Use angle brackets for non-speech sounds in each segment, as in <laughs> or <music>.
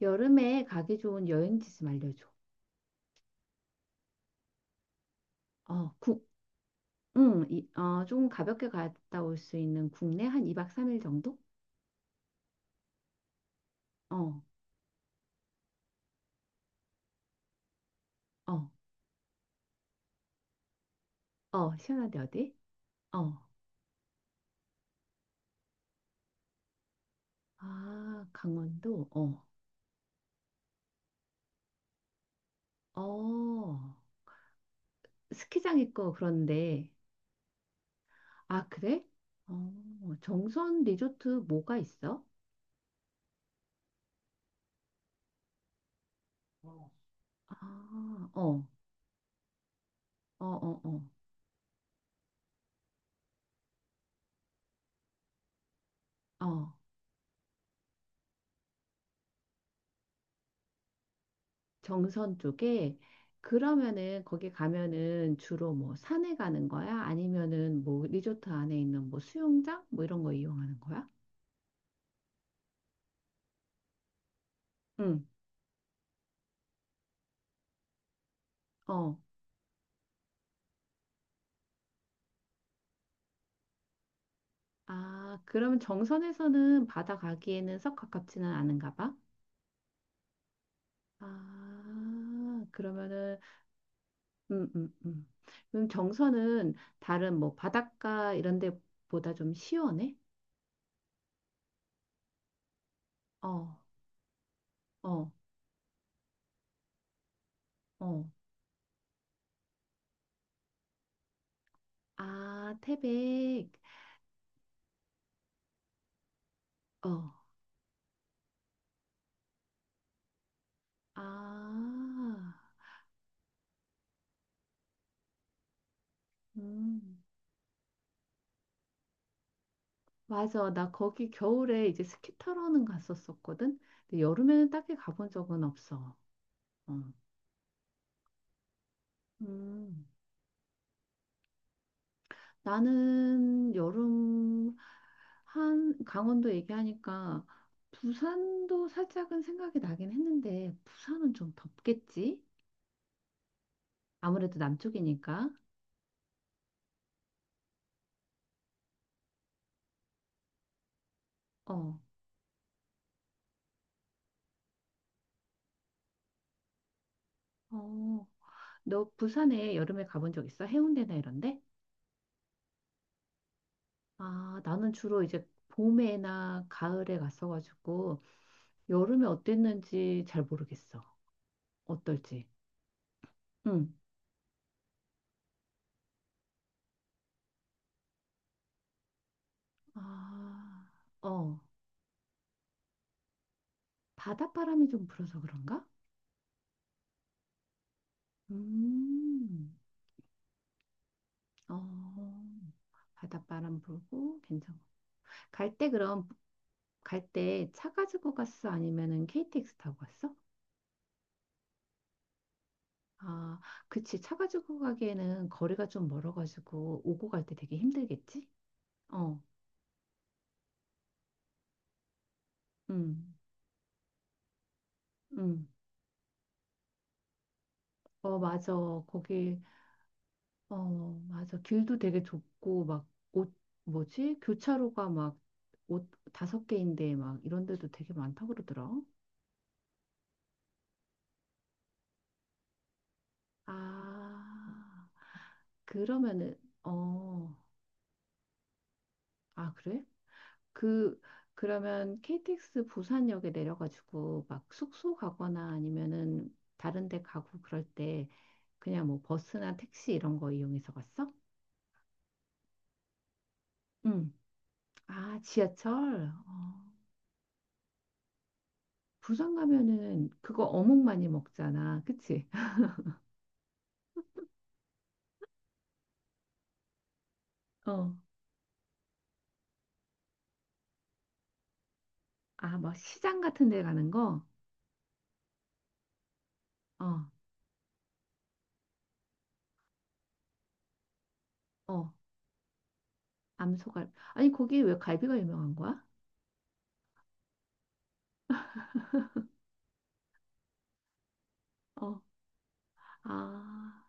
여름에 가기 좋은 여행지 좀 알려줘. 어, 국, 응, 이, 어, 조금 가볍게 갔다 올 수 있는 국내 한 2박 3일 정도? 어, 어, 어, 시원한데 어디? 어, 아, 강원도? 어, 어, 스키장 있고 그런데. 아, 그래? 어, 정선 리조트 뭐가 있어? 어. 아, 어, 어, 어, 어, 어. 정선 쪽에 그러면은 거기 가면은 주로 뭐 산에 가는 거야? 아니면은 뭐 리조트 안에 있는 뭐 수영장 뭐 이런 거 이용하는 거야? 응. 어. 아, 그러면 정선에서는 바다 가기에는 썩 가깝지는 않은가 봐. 아, 그러면은 음, 음, 음. 그럼 정선은 다른 뭐 바닷가 이런 데보다 좀 시원해? 어, 어, 어. 아, 태백. 어. 아. 음, 맞아. 나 거기 겨울에 이제 스키 타러는 갔었었거든. 근데 여름에는 딱히 가본 적은 없어. 어. 음, 나는 여름 한 강원도 얘기하니까 부산도 살짝은 생각이 나긴 했는데 부산은 좀 덥겠지? 아무래도 남쪽이니까. 어, 어. 너 부산에 여름에 가본 적 있어? 해운대나 이런데? 아, 나는 주로 이제 봄에나 가을에 갔어가지고. 여름에 어땠는지 잘 모르겠어. 어떨지. 응. 아, 어. 바닷바람이 좀 불어서 그런가? 음, 어. 바닷바람 불고 괜찮고. 갈 때 그럼 갈 때 차 가지고 갔어? 아니면은 KTX 타고 갔어? 아, 그치. 차 가지고 가기에는 거리가 좀 멀어가지고 오고 갈 때 되게 힘들겠지? 어, 음, 음. 어, 맞아. 거기 어, 맞아. 길도 되게 좁고, 막, 옷, 뭐지? 교차로가 막, 옷 다섯 개인데, 막, 이런 데도 되게 많다고 그러더라. 아, 그러면은, 어, 아, 그래? 그, 그러면 KTX 부산역에 내려가지고, 막, 숙소 가거나 아니면은, 다른 데 가고 그럴 때, 그냥 뭐, 버스나 택시 이런 거 이용해서 갔어? 응. 아, 지하철? 어, 부산 가면은, 그거 어묵 많이 먹잖아. 그치? 어, 아, 막 시장 같은 데 가는 거? 어, 어, 암소갈비. 아니, 거기 왜 갈비가 유명한 거야? 어, 아,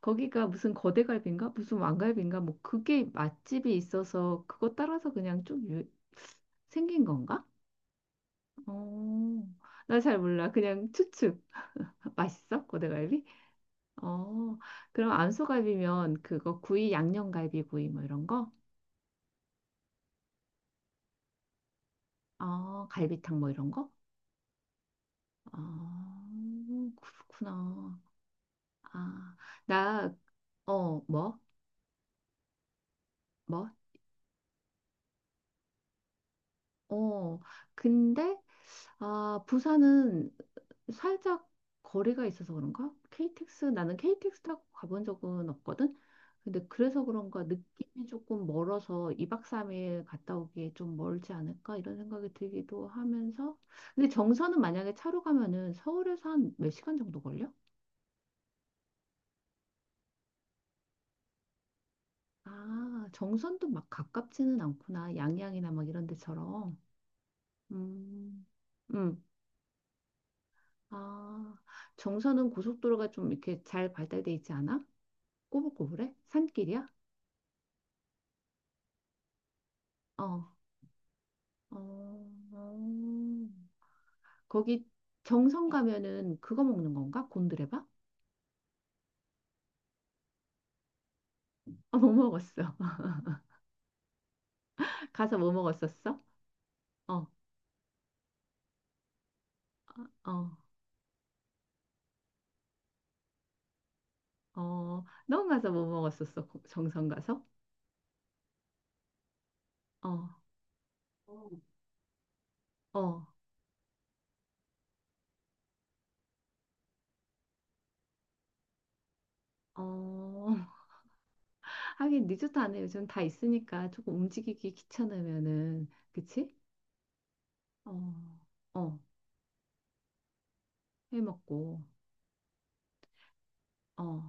거기가 무슨 거대갈비인가? 무슨 왕갈비인가? 뭐, 그게 맛집이 있어서 그거 따라서 그냥 좀 유, 생긴 건가? 어, 나 잘 몰라. 그냥 추측. <laughs> 맛있어? 거대갈비 어, 그럼 안소갈비면 그거 구이, 양념갈비 구이 뭐 이런 거? 어, 갈비탕 뭐 이런 거? 아 그렇구나. 아, 나, 어, 뭐? 뭐? 어, 근데, 아, 부산은 살짝 거리가 있어서 그런가? KTX, 나는 KTX 타고 가본 적은 없거든? 근데 그래서 그런가 느낌이 조금 멀어서 2박 3일 갔다 오기에 좀 멀지 않을까? 이런 생각이 들기도 하면서. 근데 정선은 만약에 차로 가면은 서울에서 한 몇 시간 정도 걸려? 아, 정선도 막 가깝지는 않구나. 양양이나 막 이런 데처럼. 음. 음, 아, 정선은 고속도로가 좀 이렇게 잘 발달돼 있지 않아? 꼬불꼬불해? 산길이야? 어, 어, 어. 거기 정선 가면은 그거 먹는 건가? 곤드레밥? <laughs> 아, 뭐 먹었어? <laughs> 가서 뭐 먹었었어? 어, 어, 어. 넌 가서 뭐 먹었었어? 정선 가서? 어, 어, 어. <laughs> 하긴 리조트 안에 요즘 다 있으니까 조금 움직이기 귀찮으면은, 그치? 어, 어. 해 먹고, 어.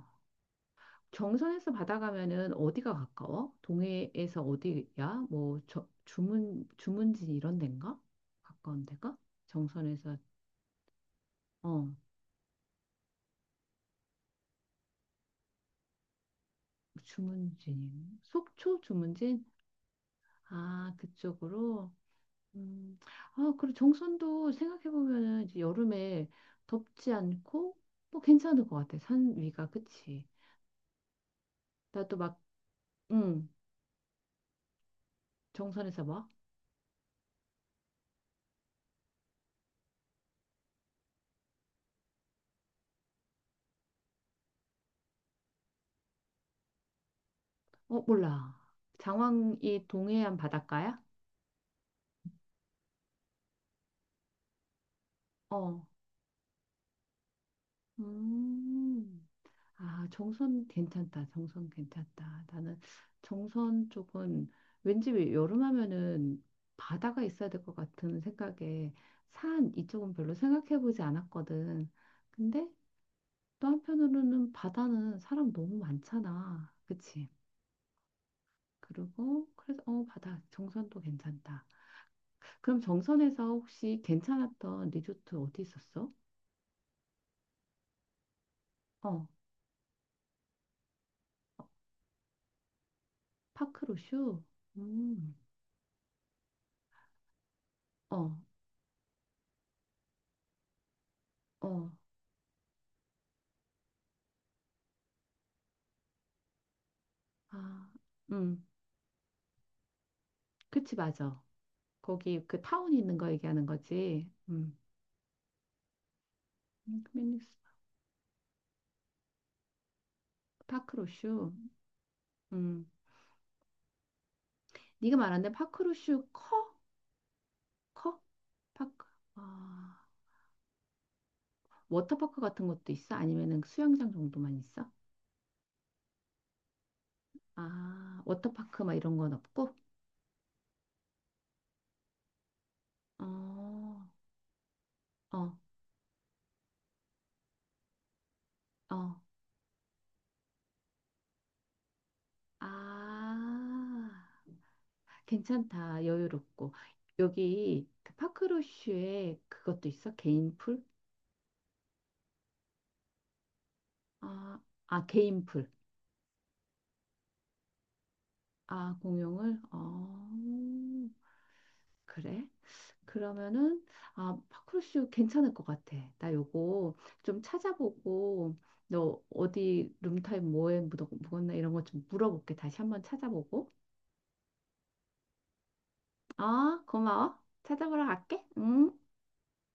경선에서 받아가면은 어디가 가까워? 동해에서 어디야? 뭐 저, 주문진 이런 데인가? 가까운 데가? 정선에서 어 주문진 속초 주문진 아 그쪽으로 음, 아 그리고 정선도 생각해 보면은 이제 여름에 덥지 않고 뭐 괜찮을 것 같아 산 위가 그치? 나도 막 응 정선에서 막 어 몰라 장왕이 동해안 바닷가야? 어 음. 아, 정선 괜찮다. 정선 괜찮다. 나는 정선 쪽은 왠지 왜 여름 하면은 바다가 있어야 될 것 같은 생각에 산 이쪽은 별로 생각해 보지 않았거든. 근데 또 한편으로는 바다는 사람 너무 많잖아. 그치? 그리고 그래서 어, 바다 정선도 괜찮다. 그럼 정선에서 혹시 괜찮았던 리조트 어디 있었어? 어, 파크로슈? 음. 어, 어. 아, 음, 그치, 맞아. 거기 그 타운 있는 거 얘기하는 거지. 커뮤니스 파크로슈. 음, 네가 말한 데 파크로슈 커? 커? 파크. 아, 워터파크 같은 것도 있어? 아니면은 그 수영장 정도만 있어? 아, 워터파크 막 이런 건 없고? 어, 어, 어. 아, 괜찮다. 여유롭고. 여기 그 파크로슈에 그것도 있어? 개인 풀? 아, 아, 개인 풀. 아, 공용을? 어, 그래? 그러면은, 아, 파크루쇼 괜찮을 것 같아. 나 요거 좀 찾아보고, 너 어디 룸타입 뭐에 묵었나 이런 거 좀 물어볼게. 다시 한번 찾아보고. 아, 고마워. 찾아보러 갈게. 응?